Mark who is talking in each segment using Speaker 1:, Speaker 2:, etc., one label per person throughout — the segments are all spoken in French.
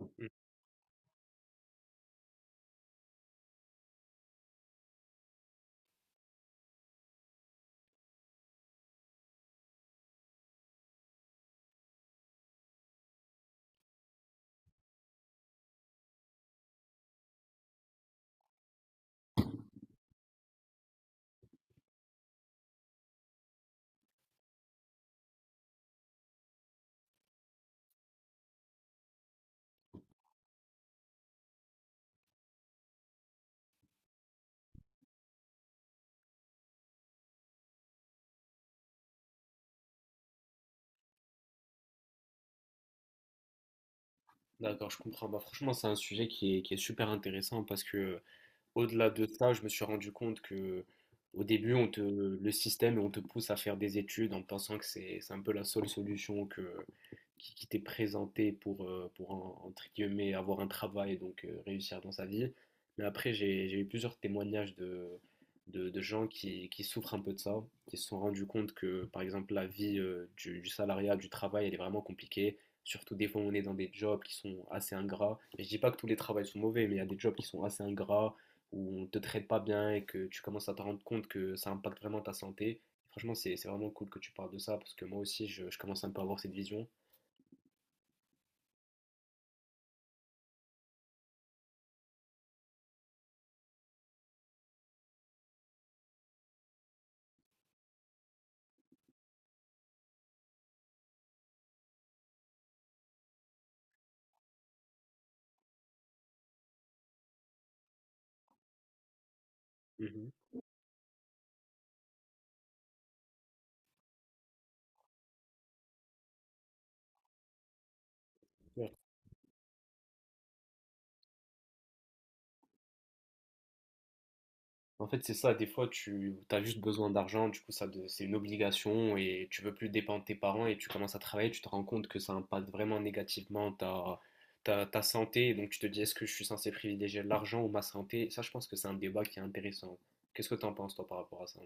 Speaker 1: Mm. D'accord, je comprends. Bah, franchement, c'est un sujet qui est super intéressant parce que Au-delà de ça, je me suis rendu compte que au début, on te, le système, on te pousse à faire des études en pensant que c'est un peu la seule solution que, qui t'est présentée pour entre guillemets, avoir un travail et donc réussir dans sa vie. Mais après, j'ai eu plusieurs témoignages de gens qui souffrent un peu de ça, qui se sont rendus compte que, par exemple, la vie du salariat, du travail, elle est vraiment compliquée. Surtout des fois, on est dans des jobs qui sont assez ingrats. Et je dis pas que tous les travails sont mauvais, mais il y a des jobs qui sont assez ingrats où on ne te traite pas bien et que tu commences à te rendre compte que ça impacte vraiment ta santé. Franchement, c'est vraiment cool que tu parles de ça parce que moi aussi, je commence un peu à avoir cette vision. Mhm. Ouais. En fait, c'est ça, des fois, tu as juste besoin d'argent, du coup, c'est une obligation et tu veux plus dépendre de tes parents et tu commences à travailler, tu te rends compte que ça impacte vraiment négativement ta santé. Et donc, tu te dis, est-ce que je suis censé privilégier l'argent ou ma santé? Ça, je pense que c'est un débat qui est intéressant. Qu'est-ce que tu en penses, toi, par rapport à ça?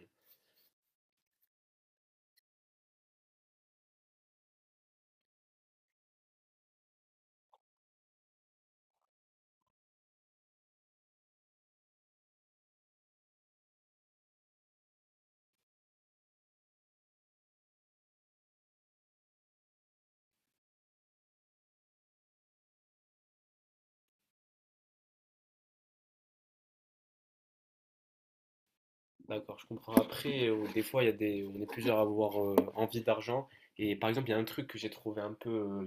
Speaker 1: D'accord, je comprends. Après, des fois, il y a des, on est plusieurs à avoir envie d'argent. Et par exemple, il y a un truc que j'ai trouvé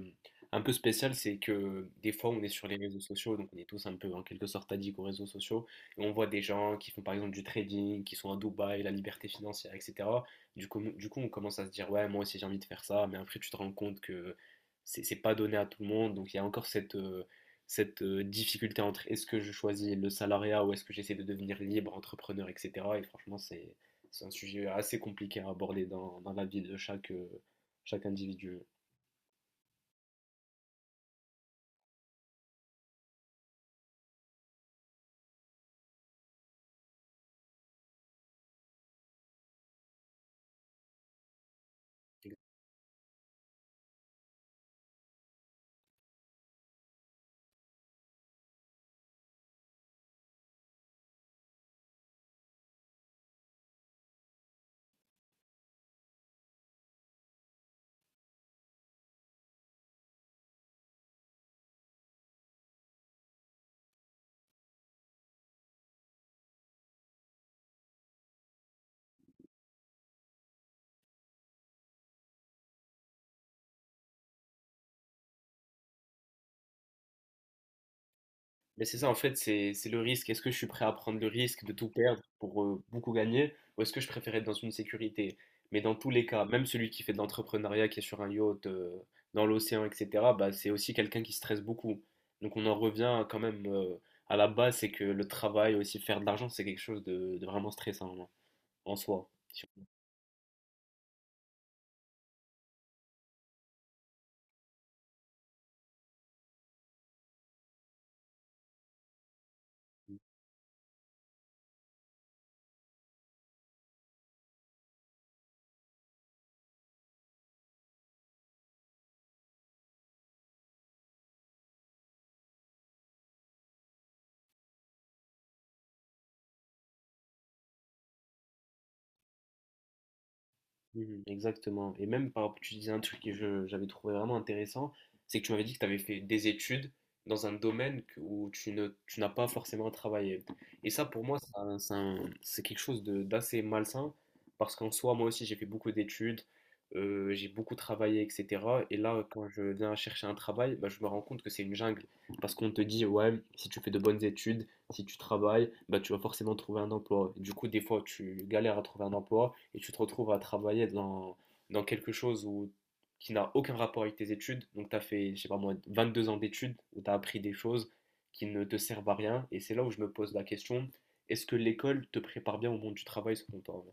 Speaker 1: un peu spécial, c'est que des fois, on est sur les réseaux sociaux, donc on est tous un peu en quelque sorte addicts aux réseaux sociaux. Et on voit des gens qui font par exemple du trading, qui sont à Dubaï, la liberté financière, etc. Du coup, on commence à se dire, ouais, moi aussi j'ai envie de faire ça. Mais après, tu te rends compte que c'est pas donné à tout le monde. Donc, il y a encore cette difficulté entre est-ce que je choisis le salariat ou est-ce que j'essaie de devenir libre, entrepreneur, etc. Et franchement, c'est un sujet assez compliqué à aborder dans la vie de chaque, chaque individu. Mais c'est ça, en fait, c'est le risque. Est-ce que je suis prêt à prendre le risque de tout perdre pour beaucoup gagner, ou est-ce que je préfère être dans une sécurité? Mais dans tous les cas, même celui qui fait de l'entrepreneuriat, qui est sur un yacht, dans l'océan, etc., bah, c'est aussi quelqu'un qui stresse beaucoup. Donc on en revient quand même à la base, c'est que le travail, aussi faire de l'argent, c'est quelque chose de vraiment stressant en soi. Si Mhm, exactement. Et même par rapport, tu disais un truc que j'avais trouvé vraiment intéressant, c'est que tu m'avais dit que tu avais fait des études dans un domaine où tu n'as pas forcément travaillé. Et ça, pour moi, c'est quelque chose d'assez malsain, parce qu'en soi, moi aussi, j'ai fait beaucoup d'études, j'ai beaucoup travaillé, etc. Et là, quand je viens chercher un travail, bah, je me rends compte que c'est une jungle, parce qu'on te dit, ouais, si tu fais de bonnes études, si tu travailles, bah, tu vas forcément trouver un emploi. Du coup, des fois, tu galères à trouver un emploi et tu te retrouves à travailler dans quelque chose qui n'a aucun rapport avec tes études. Donc, tu as fait, je sais pas moi, 22 ans d'études où tu as appris des choses qui ne te servent à rien. Et c'est là où je me pose la question, est-ce que l'école te prépare bien au monde du travail selon toi?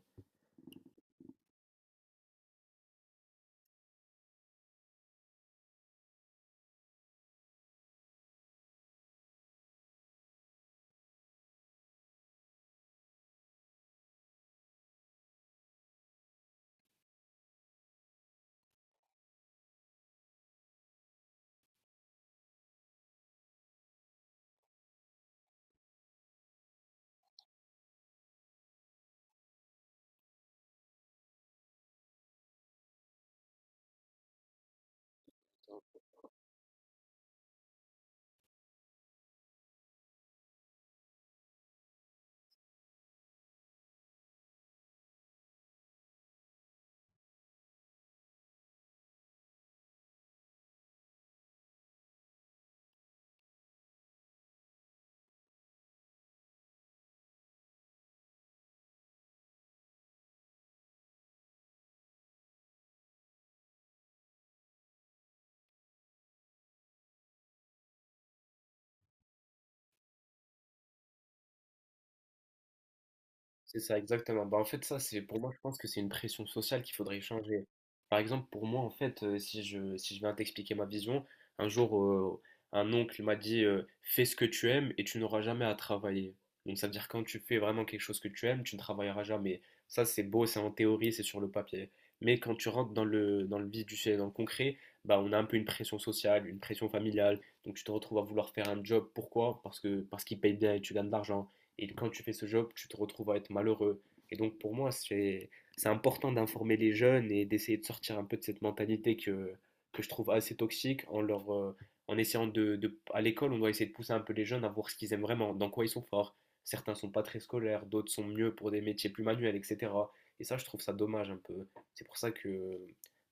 Speaker 1: C'est ça, exactement. Bah, en fait, ça, c'est pour moi, je pense que c'est une pression sociale qu'il faudrait changer. Par exemple, pour moi, en fait, si je viens t'expliquer ma vision, un jour, un oncle m'a dit fais ce que tu aimes et tu n'auras jamais à travailler. Donc, ça veut dire quand tu fais vraiment quelque chose que tu aimes, tu ne travailleras jamais. Ça, c'est beau, c'est en théorie, c'est sur le papier. Mais quand tu rentres dans le vif du sujet, dans le concret, bah, on a un peu une pression sociale, une pression familiale. Donc, tu te retrouves à vouloir faire un job. Pourquoi? Parce qu'il paye bien et tu gagnes de l'argent. Et quand tu fais ce job, tu te retrouves à être malheureux. Et donc pour moi, c'est important d'informer les jeunes et d'essayer de sortir un peu de cette mentalité que je trouve assez toxique en leur en essayant de à l'école, on doit essayer de pousser un peu les jeunes à voir ce qu'ils aiment vraiment, dans quoi ils sont forts. Certains sont pas très scolaires, d'autres sont mieux pour des métiers plus manuels, etc. Et ça, je trouve ça dommage un peu. C'est pour ça que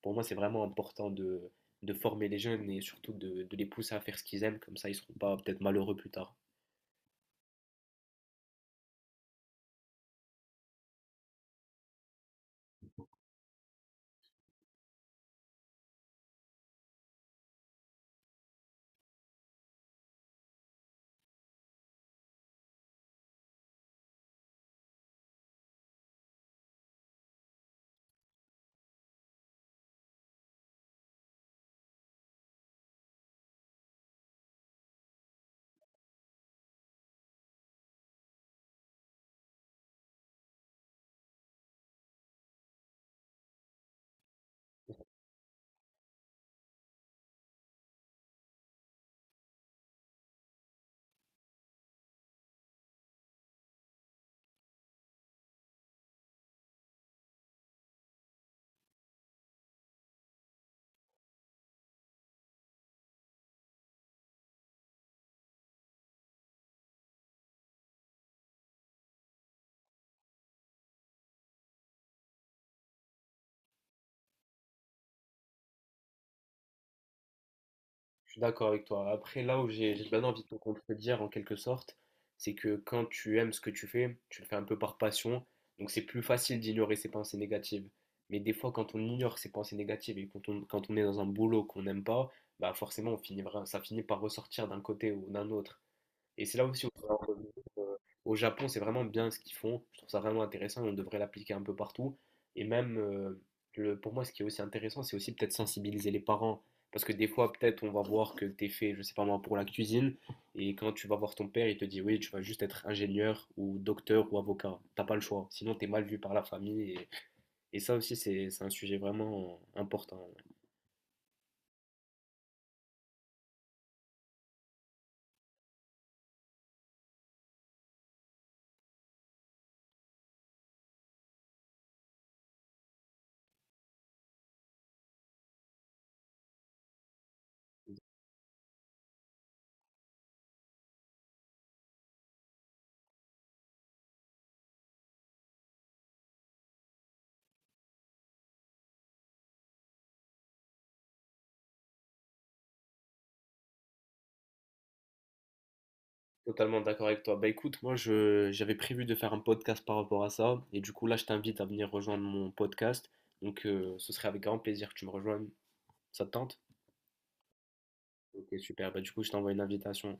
Speaker 1: pour moi, c'est vraiment important de former les jeunes et surtout de les pousser à faire ce qu'ils aiment, comme ça ils seront pas peut-être malheureux plus tard. Je suis d'accord avec toi. Après, là où j'ai bien envie de te contredire en quelque sorte, c'est que quand tu aimes ce que tu fais, tu le fais un peu par passion, donc c'est plus facile d'ignorer ses pensées négatives. Mais des fois, quand on ignore ses pensées négatives et quand quand on est dans un boulot qu'on n'aime pas, bah forcément, ça finit par ressortir d'un côté ou d'un autre. Et c'est là aussi où on va en revenir, euh, au Japon, c'est vraiment bien ce qu'ils font. Je trouve ça vraiment intéressant et on devrait l'appliquer un peu partout. Et même, pour moi, ce qui est aussi intéressant, c'est aussi peut-être sensibiliser les parents. Parce que des fois, peut-être, on va voir que t'es fait, je sais pas moi, pour la cuisine. Et quand tu vas voir ton père, il te dit, oui, tu vas juste être ingénieur ou docteur ou avocat. T'as pas le choix. Sinon, t'es mal vu par la famille. Et ça aussi, c'est un sujet vraiment important. Totalement d'accord avec toi. Bah écoute, moi je j'avais prévu de faire un podcast par rapport à ça, et du coup là je t'invite à venir rejoindre mon podcast. Donc ce serait avec grand plaisir que tu me rejoignes. Ça te tente? Ok, super. Bah du coup je t'envoie une invitation.